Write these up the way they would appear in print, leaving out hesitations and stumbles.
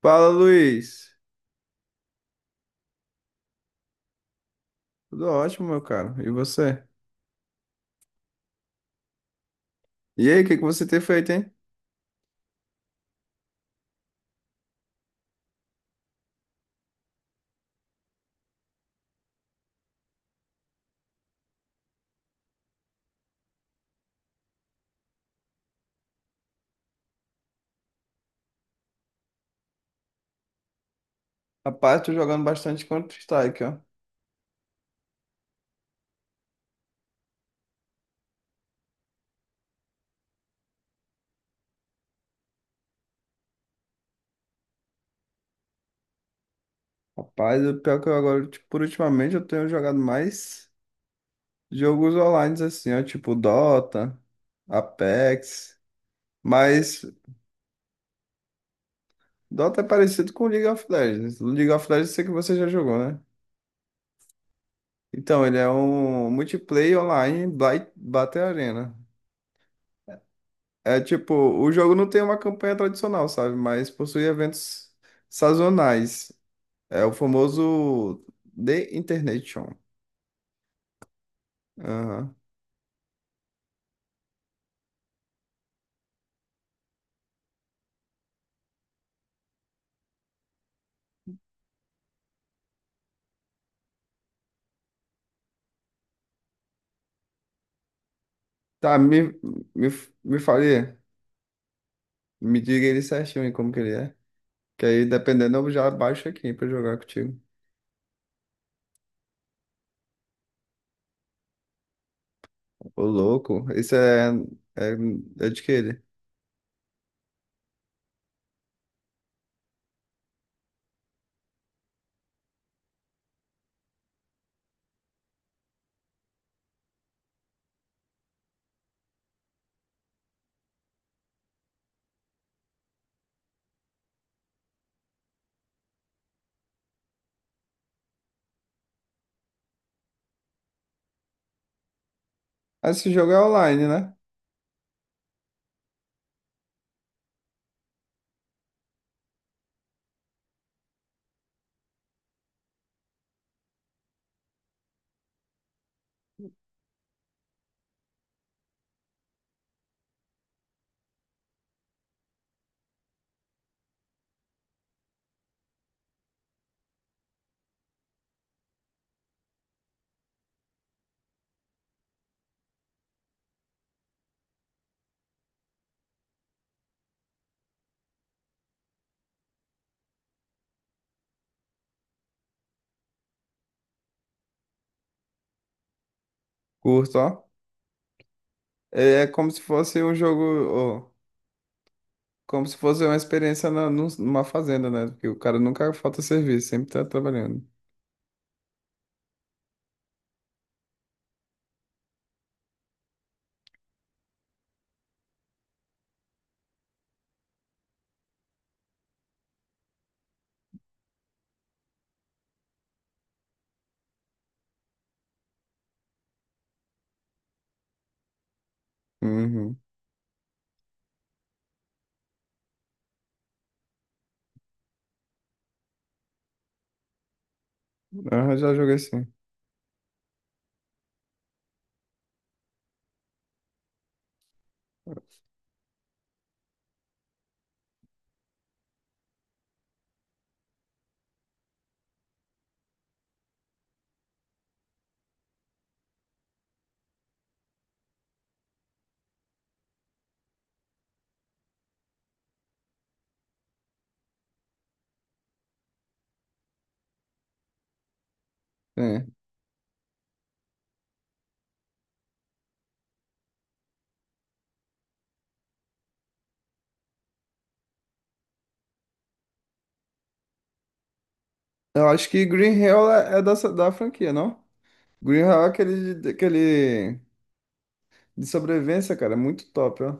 Fala, Luiz. Tudo ótimo, meu caro. E você? E aí, o que que você tem feito, hein? Rapaz, tô jogando bastante Counter-Strike, ó. Rapaz, o pior que eu agora, tipo, por ultimamente eu tenho jogado mais jogos online, assim, ó, tipo Dota, Apex. Mas Dota é parecido com League of Legends. League of Legends eu sei que você já jogou, né? Então, ele é um multiplayer online, Battle Arena. É tipo, o jogo não tem uma campanha tradicional, sabe? Mas possui eventos sazonais. É o famoso The Internation. Aham. Tá, me, me fale, me diga ele certinho aí como que ele é. Que aí, dependendo, eu já baixo aqui pra jogar contigo. Ô, louco, esse é, é, é de que ele? Ah, esse jogo é online, né? Curto, ó. É como se fosse um jogo. Ó. Como se fosse uma experiência numa fazenda, né? Porque o cara nunca falta serviço, sempre tá trabalhando. Uhum. Aham, já joguei sim. É. Eu acho que Green Hell é dessa, da franquia, não? Green Hell é aquele de sobrevivência, cara, é muito top, ó.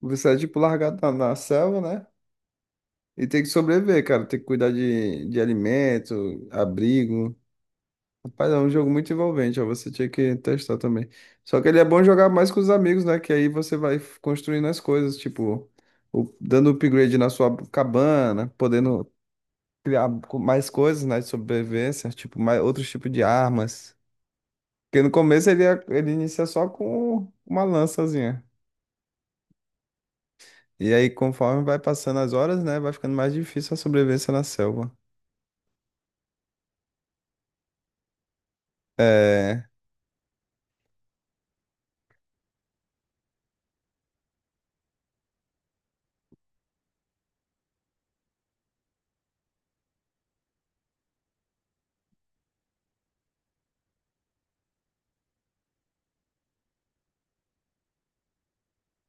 Você é tipo largado na selva, né? E tem que sobreviver, cara. Tem que cuidar de alimento, abrigo. Rapaz, é um jogo muito envolvente, ó, você tinha que testar também. Só que ele é bom jogar mais com os amigos, né? Que aí você vai construindo as coisas, tipo, dando upgrade na sua cabana, podendo criar mais coisas, né, de sobrevivência, tipo, mais, outros tipos de armas. Porque no começo ele inicia só com uma lançazinha. E aí, conforme vai passando as horas, né, vai ficando mais difícil a sobrevivência na selva. É.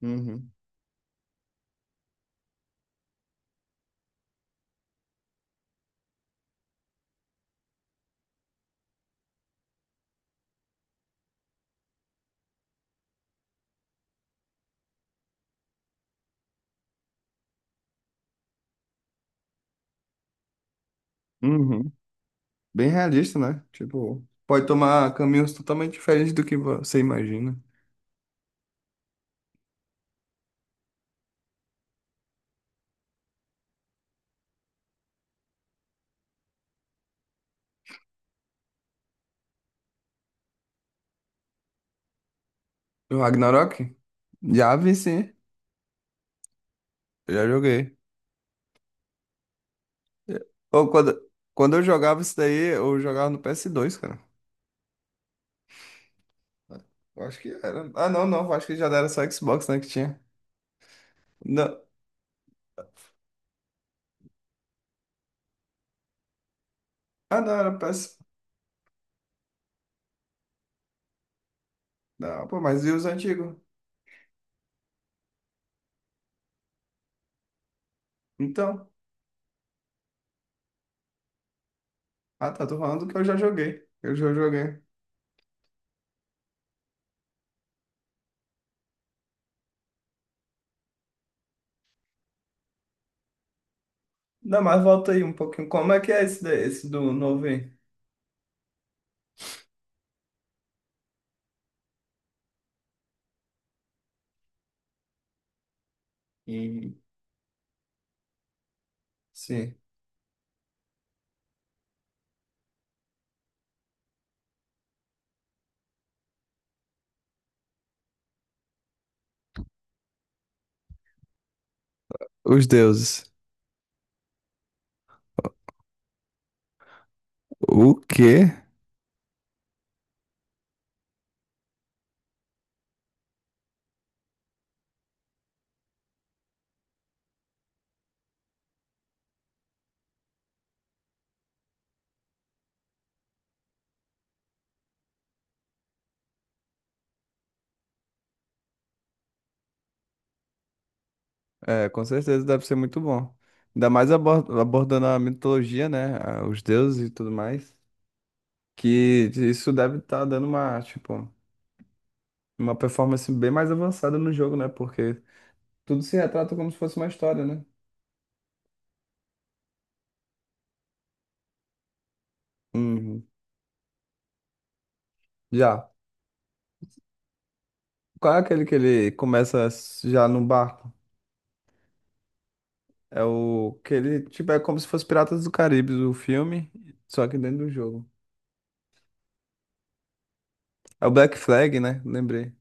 Uhum. Uhum. Bem realista, né? Tipo, pode tomar caminhos totalmente diferentes do que você imagina. O Ragnarok? Já vi sim, eu já joguei. Ou quando, quando eu jogava isso daí, eu jogava no PS2 cara. Eu acho que era. Ah, não, eu acho que já era só Xbox, né, que tinha. Não. Ah, não, era PS. Não, pô, mas e os antigos? Então, ah, tá, tô falando que eu já joguei. Eu já joguei. Não, mas volta aí um pouquinho. Como é que é esse, daí, esse do novo aí? Sim. Os deuses. O quê? É, com certeza deve ser muito bom. Ainda mais abordando a mitologia, né? Os deuses e tudo mais. Que isso deve estar dando uma, tipo, uma performance bem mais avançada no jogo, né? Porque tudo se retrata como se fosse uma história, né? Uhum. Já. Qual é aquele que ele começa já no barco? É o que ele, tipo, é como se fosse Piratas do Caribe, o filme, só que dentro do jogo. É o Black Flag, né? Lembrei.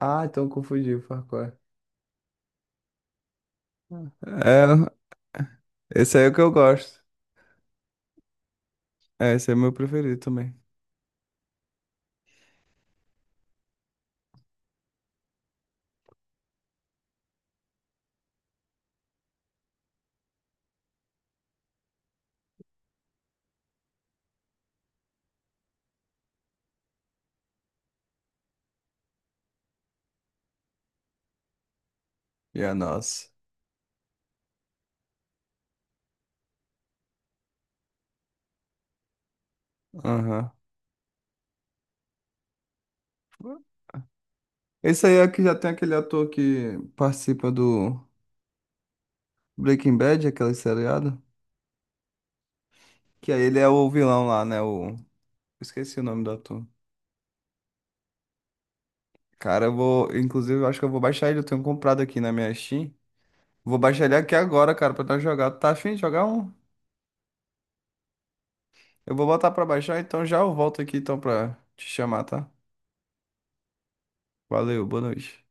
Ah, então eu confundi o Far Cry. É, esse aí é o que eu gosto. É, esse aí é meu preferido também. E a nossa. Aham. Esse aí é que já tem aquele ator que participa do Breaking Bad, aquele seriado. Que aí ele é o vilão lá, né? O... Esqueci o nome do ator. Cara, eu vou. Inclusive, eu acho que eu vou baixar ele. Eu tenho comprado aqui na minha Steam. Vou baixar ele aqui agora, cara, pra nós jogar. Tá afim de jogar um? Eu vou botar pra baixar, então já eu volto aqui então pra te chamar, tá? Valeu, boa noite.